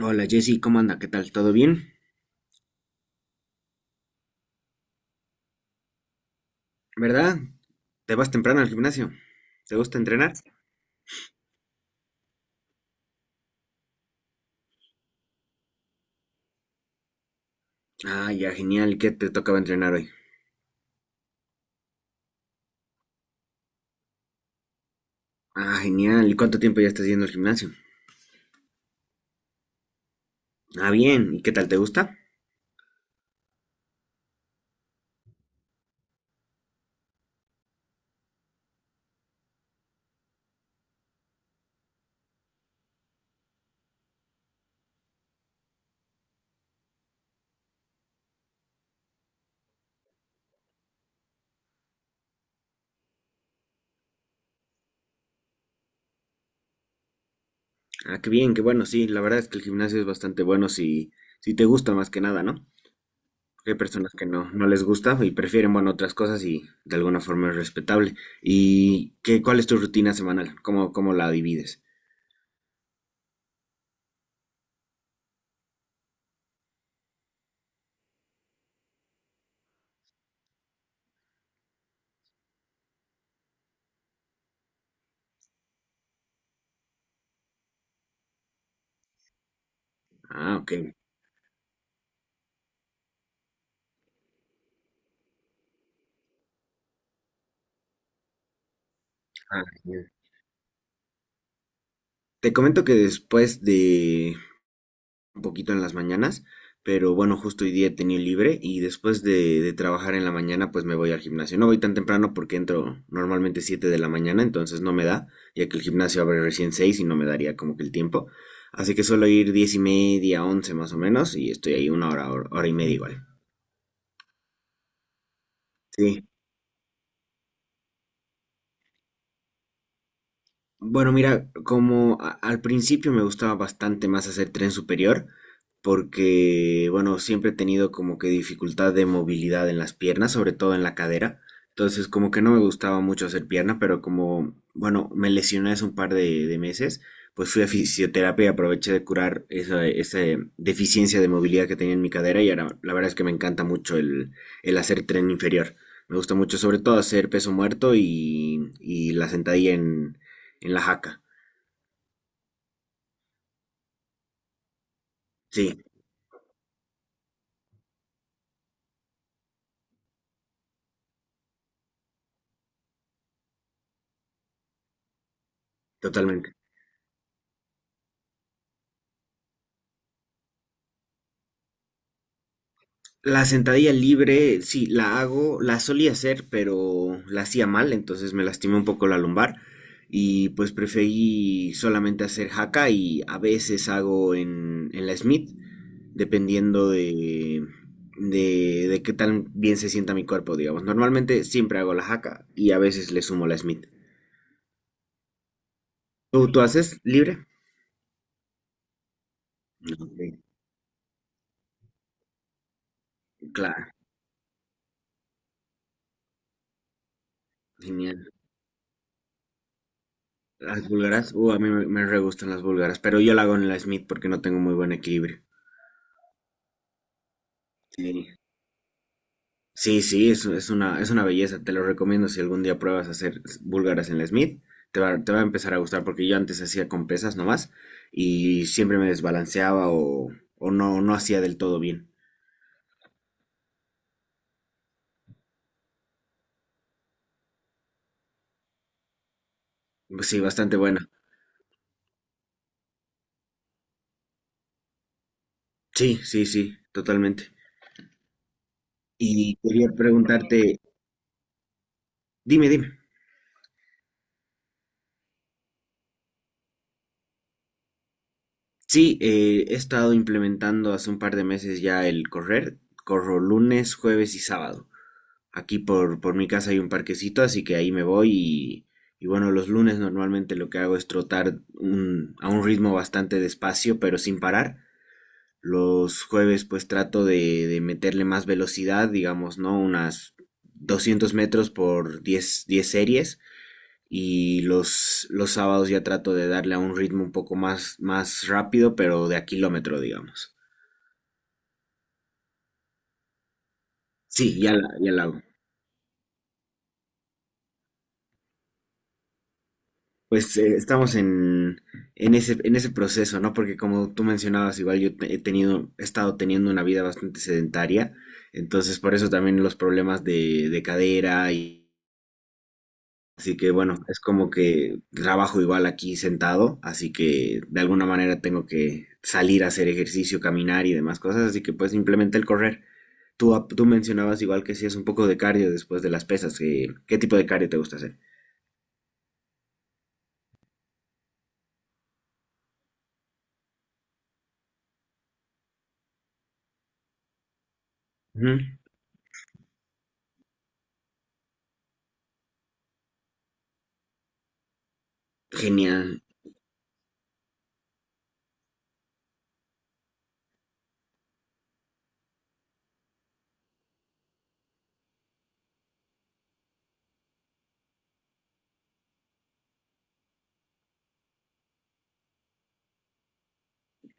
Hola Jessy, ¿cómo anda? ¿Qué tal? ¿Todo bien? ¿Verdad? ¿Te vas temprano al gimnasio? ¿Te gusta entrenar? Ah, ya, genial. ¿Y qué te tocaba entrenar hoy? Ah, genial. ¿Y cuánto tiempo ya estás yendo al gimnasio? Ah, bien. ¿Y qué tal? ¿Te gusta? Ah, qué bien, qué bueno. Sí, la verdad es que el gimnasio es bastante bueno si te gusta más que nada, ¿no? Porque hay personas que no les gusta y prefieren, bueno, otras cosas y de alguna forma es respetable. ¿Y qué, cuál es tu rutina semanal? ¿Cómo la divides? Ah, ok. Ah, genial. Te comento que un poquito en las mañanas, pero bueno, justo hoy día he tenido libre y después de trabajar en la mañana pues me voy al gimnasio. No voy tan temprano porque entro normalmente 7 de la mañana, entonces no me da, ya que el gimnasio abre recién 6 y no me daría como que el tiempo. Así que suelo ir 10 y media, 11 más o menos y estoy ahí una hora hora y media igual. Sí, bueno, mira, como al principio me gustaba bastante más hacer tren superior, porque, bueno, siempre he tenido como que dificultad de movilidad en las piernas, sobre todo en la cadera. Entonces, como que no me gustaba mucho hacer pierna, pero como, bueno, me lesioné hace un par de meses, pues fui a fisioterapia y aproveché de curar esa deficiencia de movilidad que tenía en mi cadera y ahora la verdad es que me encanta mucho el hacer tren inferior. Me gusta mucho, sobre todo, hacer peso muerto y la sentadilla en la jaca. Sí, totalmente. La sentadilla libre, sí, la hago, la solía hacer, pero la hacía mal, entonces me lastimé un poco la lumbar y pues preferí solamente hacer jaca y a veces hago en la Smith, dependiendo de qué tan bien se sienta mi cuerpo, digamos. Normalmente siempre hago la jaca y a veces le sumo la Smith. ¿Tú haces libre? No, ok, claro, genial. Las búlgaras, a mí me re gustan las búlgaras, pero yo la hago en la Smith porque no tengo muy buen equilibrio. Sí, sí, sí, es una belleza, te lo recomiendo si algún día pruebas a hacer búlgaras en la Smith, te va a empezar a gustar porque yo antes hacía con pesas nomás y siempre me desbalanceaba o, o no hacía del todo bien. Pues sí, bastante buena. Sí, sí, sí, totalmente. Y quería preguntarte, dime, dime. Sí, he estado implementando hace un par de meses ya el correr. Corro lunes, jueves y sábado. Aquí por mi casa hay un parquecito, así que ahí me voy y bueno, los lunes normalmente lo que hago es trotar a un ritmo bastante despacio, pero sin parar. Los jueves pues trato de meterle más velocidad, digamos, ¿no? Unas 200 metros por diez series y los sábados ya trato de darle a un ritmo un poco más, más rápido, pero de a kilómetro, digamos. Sí, ya la hago. Pues estamos en en ese proceso, ¿no? Porque como tú mencionabas, igual he tenido, he estado teniendo una vida bastante sedentaria, entonces por eso también los problemas de cadera y... Así que bueno, es como que trabajo igual aquí sentado, así que de alguna manera tengo que salir a hacer ejercicio, caminar y demás cosas, así que pues simplemente el correr. Tú mencionabas igual que hacías un poco de cardio después de las pesas. ¿Qué, qué tipo de cardio te gusta hacer? Ujú. Genial.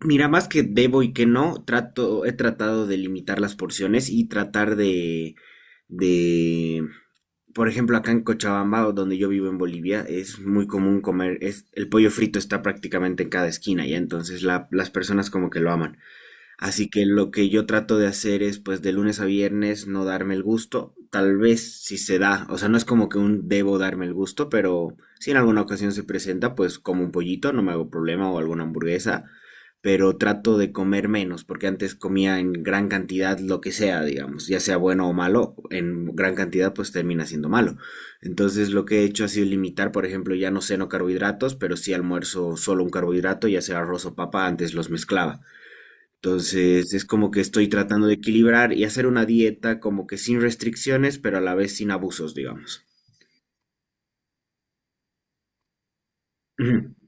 Mira, más que debo y que no, trato, he tratado de limitar las porciones y tratar de, por ejemplo, acá en Cochabamba, o donde yo vivo en Bolivia, es muy común comer, es, el pollo frito está prácticamente en cada esquina, ya entonces las personas como que lo aman. Así que lo que yo trato de hacer es, pues, de lunes a viernes no darme el gusto. Tal vez si se da, o sea, no es como que un debo darme el gusto, pero si en alguna ocasión se presenta, pues como un pollito, no me hago problema o alguna hamburguesa, pero trato de comer menos, porque antes comía en gran cantidad lo que sea, digamos, ya sea bueno o malo, en gran cantidad pues termina siendo malo. Entonces lo que he hecho ha sido limitar, por ejemplo, ya no ceno carbohidratos, pero sí almuerzo solo un carbohidrato, ya sea arroz o papa, antes los mezclaba. Entonces es como que estoy tratando de equilibrar y hacer una dieta como que sin restricciones, pero a la vez sin abusos, digamos.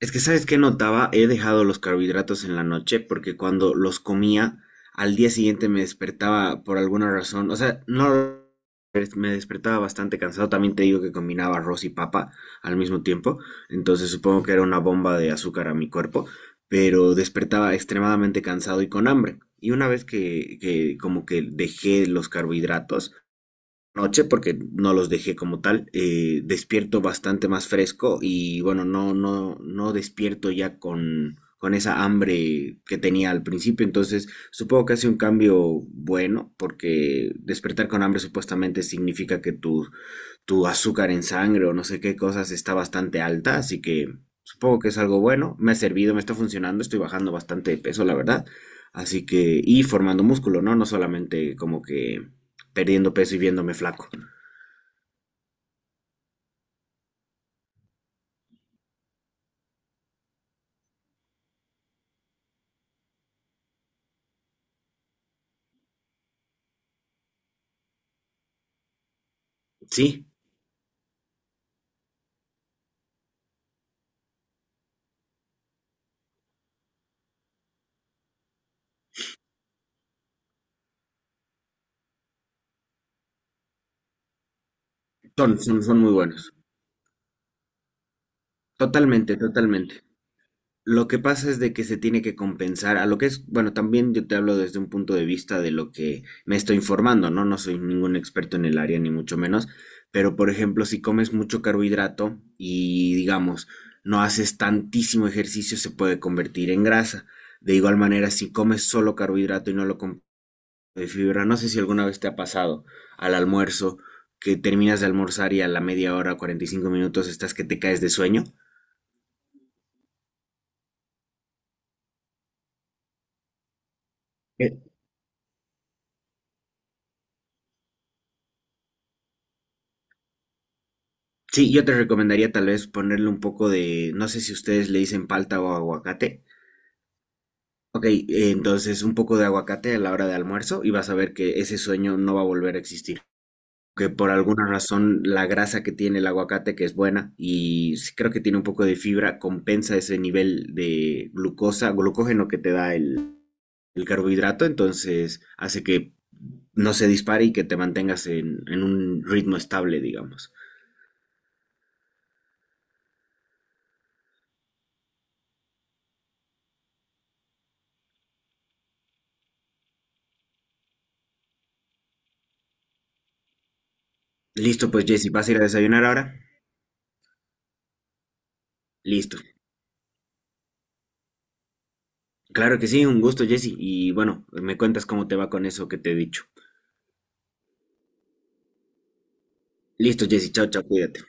Es que sabes qué notaba, he dejado los carbohidratos en la noche porque cuando los comía al día siguiente me despertaba por alguna razón, o sea, no me despertaba bastante cansado, también te digo que combinaba arroz y papa al mismo tiempo, entonces supongo que era una bomba de azúcar a mi cuerpo, pero despertaba extremadamente cansado y con hambre. Y una vez que como que dejé los carbohidratos, noche porque no los dejé como tal. Despierto bastante más fresco y bueno, no, no, no despierto ya con esa hambre que tenía al principio. Entonces, supongo que hace un cambio bueno porque despertar con hambre supuestamente significa que tu azúcar en sangre o no sé qué cosas está bastante alta, así que supongo que es algo bueno. Me ha servido, me está funcionando, estoy bajando bastante de peso, la verdad. Así que, y formando músculo, ¿no? No solamente como que perdiendo peso y viéndome flaco. Sí, son muy buenos. Totalmente, totalmente. Lo que pasa es de que se tiene que compensar a lo que es, bueno, también yo te hablo desde un punto de vista de lo que me estoy informando, ¿no? No soy ningún experto en el área, ni mucho menos, pero por ejemplo, si comes mucho carbohidrato y digamos, no haces tantísimo ejercicio, se puede convertir en grasa. De igual manera, si comes solo carbohidrato y no lo comes de fibra, no sé si alguna vez te ha pasado al almuerzo que terminas de almorzar y a la media hora, 45 minutos, estás que te caes de sueño. E- Sí, yo te recomendaría tal vez ponerle un poco de, no sé si ustedes le dicen palta o aguacate. Ok, entonces un poco de aguacate a la hora de almuerzo y vas a ver que ese sueño no va a volver a existir. Que por alguna razón la grasa que tiene el aguacate, que es buena y sí creo que tiene un poco de fibra, compensa ese nivel de glucosa, glucógeno que te da el carbohidrato, entonces hace que no se dispare y que te mantengas en un ritmo estable, digamos. Listo, pues Jesse, ¿vas a ir a desayunar ahora? Listo. Claro que sí, un gusto, Jesse. Y bueno, me cuentas cómo te va con eso que te he dicho. Listo, Jesse, chao, chao, cuídate.